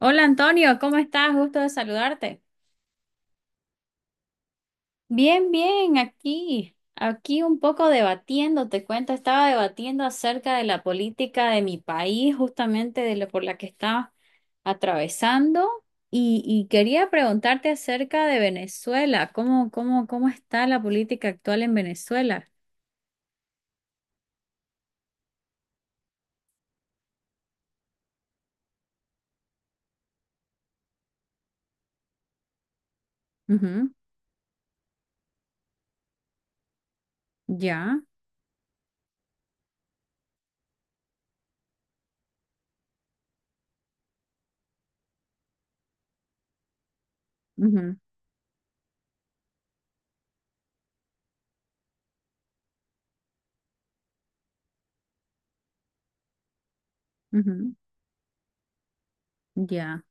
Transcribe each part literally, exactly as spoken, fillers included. Hola Antonio, ¿cómo estás? Gusto de saludarte. Bien, bien, aquí, aquí un poco debatiendo, te cuento, estaba debatiendo acerca de la política de mi país, justamente de lo por la que estaba atravesando, y, y quería preguntarte acerca de Venezuela, ¿cómo, cómo, cómo está la política actual en Venezuela? Ujú. Ya. Ujú. Ujú. Ya.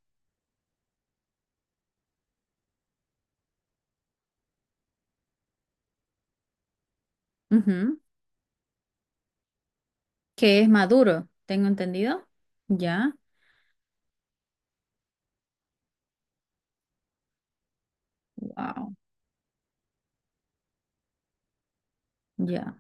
Ujú. Que es Maduro, tengo entendido. Ya. Wow. Ya.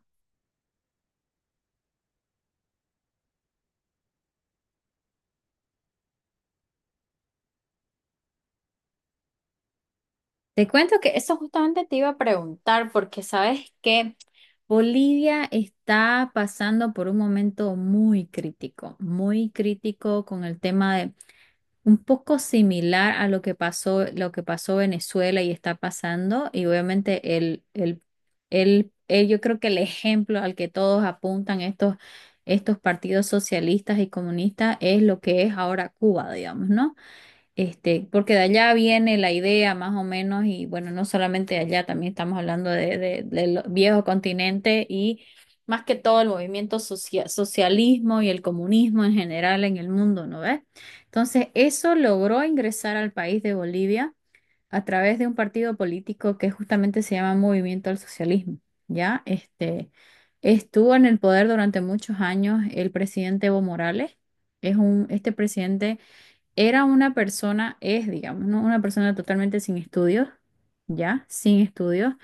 Te cuento que eso justamente te iba a preguntar porque sabes que Bolivia está pasando por un momento muy crítico, muy crítico con el tema de un poco similar a lo que pasó, lo que pasó Venezuela y está pasando y obviamente el, el, el, el- yo creo que el ejemplo al que todos apuntan estos, estos partidos socialistas y comunistas es lo que es ahora Cuba, digamos, ¿no? Este, porque de allá viene la idea más o menos, y bueno, no solamente de allá, también estamos hablando de, de- del viejo continente y más que todo el movimiento socia- socialismo y el comunismo en general en el mundo, ¿no ves? Entonces, eso logró ingresar al país de Bolivia a través de un partido político que justamente se llama Movimiento al Socialismo, ¿ya? Este, estuvo en el poder durante muchos años el presidente Evo Morales. Es un, este presidente era una persona, es, digamos, ¿no? Una persona totalmente sin estudios, ya, sin estudios.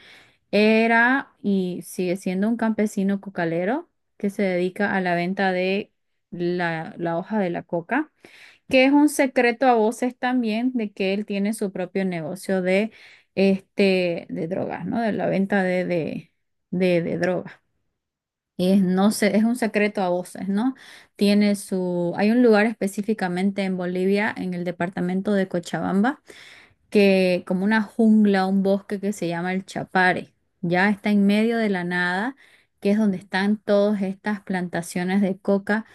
Era y sigue siendo un campesino cocalero que se dedica a la venta de la, la hoja de la coca, que es un secreto a voces también de que él tiene su propio negocio de, este, de drogas, ¿no? De la venta de, de, de, de drogas. Y es, no sé, es un secreto a voces, ¿no? Tiene su, hay un lugar específicamente en Bolivia, en el departamento de Cochabamba, que como una jungla, un bosque que se llama el Chapare, ya está en medio de la nada, que es donde están todas estas plantaciones de coca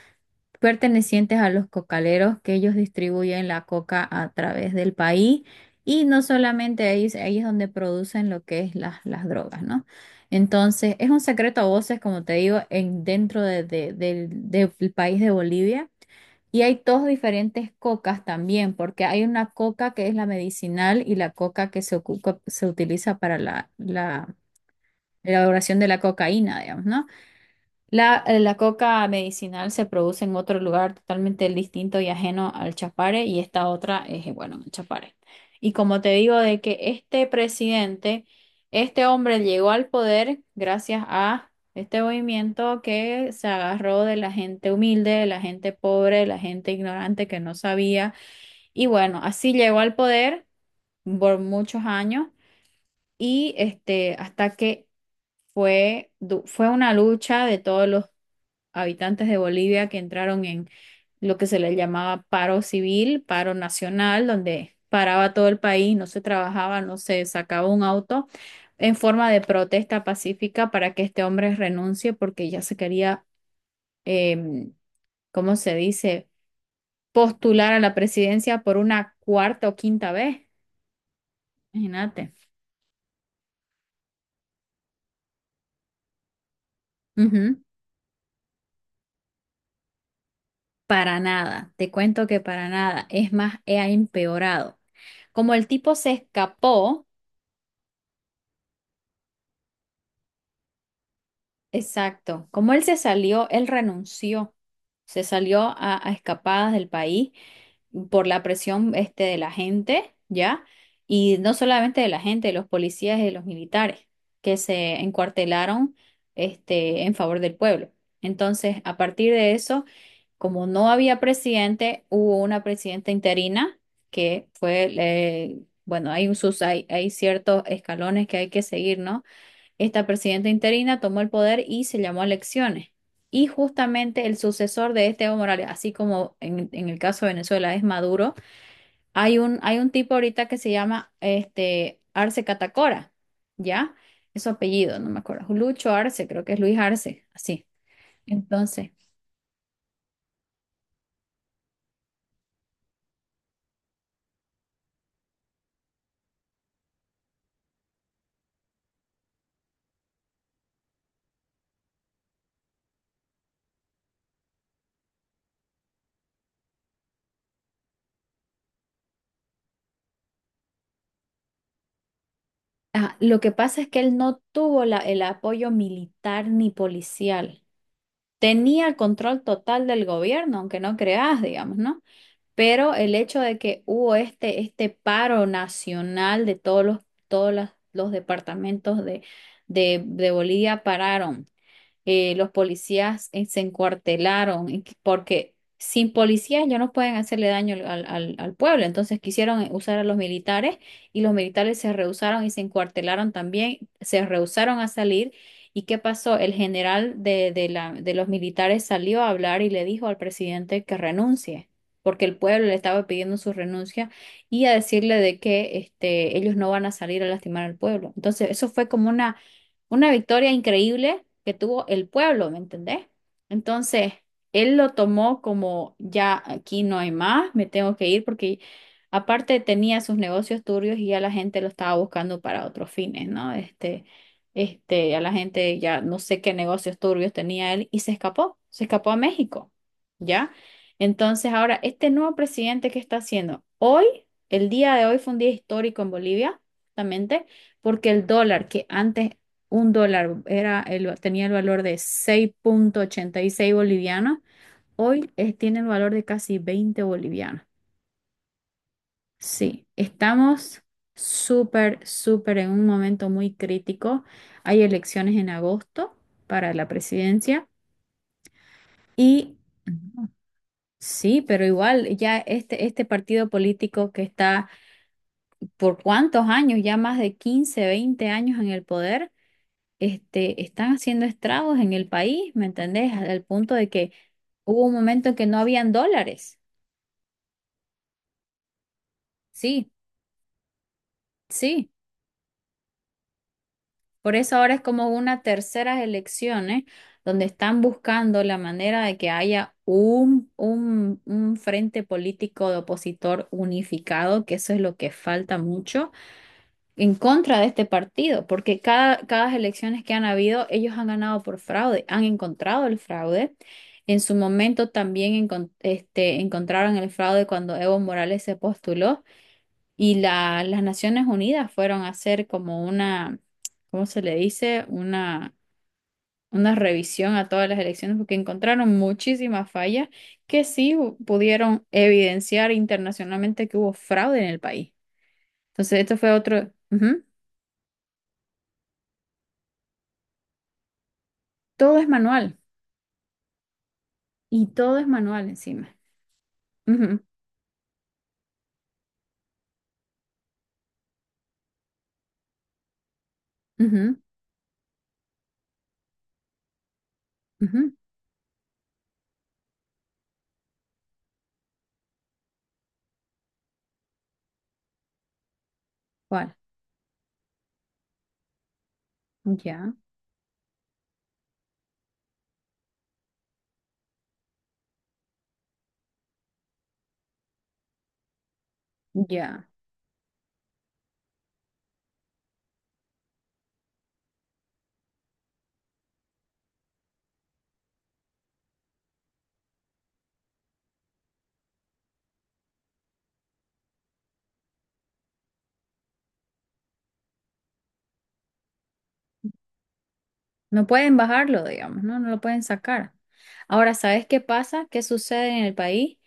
pertenecientes a los cocaleros que ellos distribuyen la coca a través del país y no solamente ahí, es ahí es donde producen lo que es las, las drogas, ¿no? Entonces, es un secreto a voces, como te digo, en, dentro de- de- del, del país de Bolivia. Y hay dos diferentes cocas también, porque hay una coca que es la medicinal y la coca que se, ocupa- se utiliza para la, la elaboración de la cocaína, digamos, ¿no? La, eh, la coca medicinal se produce en otro lugar totalmente distinto y ajeno al Chapare, y esta otra es, eh, bueno, en el Chapare. Y como te digo, de que este presidente, este hombre llegó al poder gracias a este movimiento que se agarró de la gente humilde, de la gente pobre, de la gente ignorante que no sabía. Y bueno, así llegó al poder por muchos años y este, hasta que fue, du- fue una lucha de todos los habitantes de Bolivia que entraron en lo que se les llamaba paro civil, paro nacional, donde paraba todo el país, no se trabajaba, no se sacaba un auto, en forma de protesta pacífica para que este hombre renuncie porque ya se quería, em, ¿cómo se dice?, postular a la presidencia por una cuarta o quinta vez. Imagínate. Ujú. Para nada, te cuento que para nada, es más, ha empeorado. Como el tipo se escapó. Exacto. Como él se salió, él renunció, se salió a, a escapadas del país por la presión este de la gente, ¿ya? Y no solamente de la gente, de los policías y de los militares que se encuartelaron este en favor del pueblo. Entonces, a partir de eso, como no había presidente, hubo una presidenta interina que fue, eh, bueno, hay un sus hay, hay ciertos escalones que hay que seguir, ¿no? Esta presidenta interina tomó el poder y se llamó a elecciones. Y justamente el sucesor de este Evo Morales, así como en, en el caso de Venezuela es Maduro, hay un, hay un tipo ahorita que se llama este, Arce Catacora, ¿ya? Es su apellido, no me acuerdo. Lucho Arce, creo que es Luis Arce, así. Entonces, ajá, lo que pasa es que él no tuvo la- el apoyo militar ni policial. Tenía el control total del gobierno, aunque no creas, digamos, ¿no? Pero el hecho de que hubo este, este paro nacional de todos los, todos las- los departamentos de, de, de Bolivia pararon eh, los policías, eh, se encuartelaron, y que- porque sin policías ya no pueden hacerle daño al, al- al- al pueblo. Entonces quisieron, eh, usar a los militares y los militares se rehusaron y se encuartelaron también, se rehusaron a salir. ¿Y qué pasó? El general de, de la, de los militares salió a hablar y le dijo al presidente que renuncie, porque el pueblo le estaba pidiendo su renuncia y a decirle de que este, ellos no van a salir a lastimar al pueblo. Entonces, eso fue como una una victoria increíble que tuvo el pueblo, ¿me entendés? Entonces, él lo tomó como ya aquí no hay más, me tengo que ir porque aparte tenía sus negocios turbios y ya la gente lo estaba buscando para otros fines, ¿no? Este, este, ya la gente ya no sé qué negocios turbios tenía él y se escapó, se escapó a México, ¿ya? Entonces, ahora, este nuevo presidente, ¿qué está haciendo? Hoy, el día de hoy fue un día histórico en Bolivia, justamente, porque el dólar que antes un dólar era el, tenía el valor de seis punto ochenta y seis bolivianos, hoy es- tiene el valor de casi veinte bolivianos. Sí, estamos súper, súper en un momento muy crítico. Hay elecciones en agosto para la presidencia y, sí, pero igual ya este, este partido político que está por cuántos años, ya más de quince veinte años en el poder. Este, están haciendo estragos en el país, ¿me entendés? Al punto de que hubo un momento en que no habían dólares. Sí, sí. Por eso ahora es como una tercera elecciones donde están buscando la manera de que haya un, un, un frente político de opositor unificado, que eso es lo que falta mucho en contra de este partido, porque cada, cada elecciones que han habido, ellos han ganado por fraude, han encontrado el fraude. En su momento también encon- este, encontraron el fraude cuando Evo Morales se postuló y la- las Naciones Unidas fueron a hacer como una, ¿cómo se le dice? Una, una revisión a todas las elecciones porque encontraron muchísimas fallas que sí hu- pudieron evidenciar internacionalmente que hubo fraude en el país. Entonces, esto fue otro. Ujú. Todo es manual. Y todo es manual encima. Ujú, ujú, ujú. ¿Cuál? Ya, ya. No pueden bajarlo, digamos, ¿no? No lo pueden sacar. Ahora, ¿sabes qué pasa? ¿Qué sucede en el país?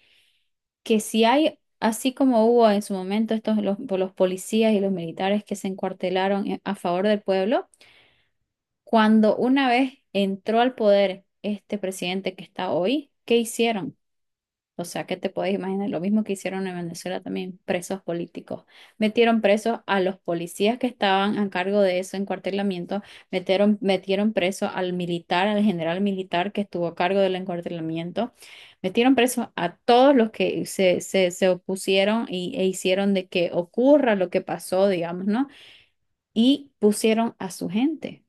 Que si hay, así como hubo en su momento estos los, por los policías y los militares que se encuartelaron en- a favor del pueblo, cuando una vez entró al poder este presidente que está hoy, ¿qué hicieron? O sea que te puedes imaginar lo mismo que hicieron en Venezuela también, presos políticos. Metieron presos a los policías que estaban a cargo de eso encuartelamiento, metieron, metieron preso al militar, al general militar que estuvo a cargo del encuartelamiento, metieron presos a todos los que se, se, se opusieron y, e hicieron de que ocurra lo que pasó, digamos, ¿no? Y pusieron a su gente.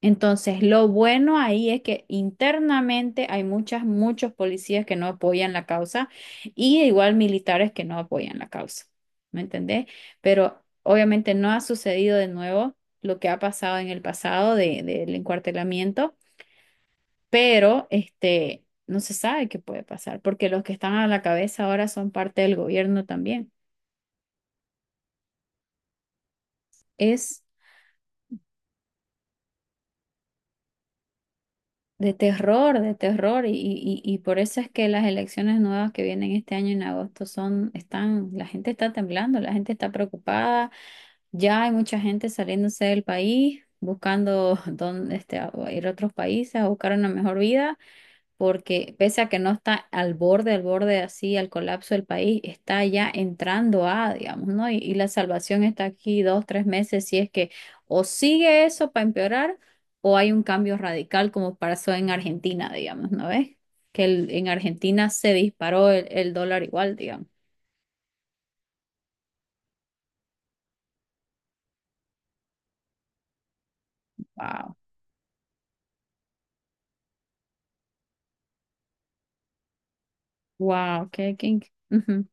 Entonces, lo bueno ahí es que internamente hay muchas, muchos policías que no apoyan la causa y igual militares que no apoyan la causa. ¿Me entendés? Pero obviamente no ha sucedido de nuevo lo que ha pasado en el pasado de, del encuartelamiento, pero este, no se sabe qué puede pasar porque los que están a la cabeza ahora son parte del gobierno también. Es De terror, de terror, y, y, y por eso es que las elecciones nuevas que vienen este año en agosto son, están, la gente está temblando, la gente está preocupada, ya hay mucha gente saliéndose del país, buscando dónde, este, a- a ir a otros países a buscar una mejor vida, porque pese a que no está al borde, al borde así, al colapso del país, está ya entrando a, digamos, ¿no? Y, y la salvación está aquí dos, tres meses, si es que o sigue eso para empeorar o hay un cambio radical como pasó en Argentina, digamos, ¿no ves? Que el- en Argentina se disparó el, el dólar igual, digamos. Wow, wow, qué, qué inc- Ujú.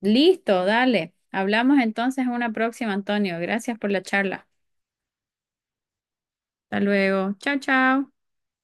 Listo, dale. Hablamos entonces en una próxima, Antonio. Gracias por la charla. Hasta luego. Chao, chao.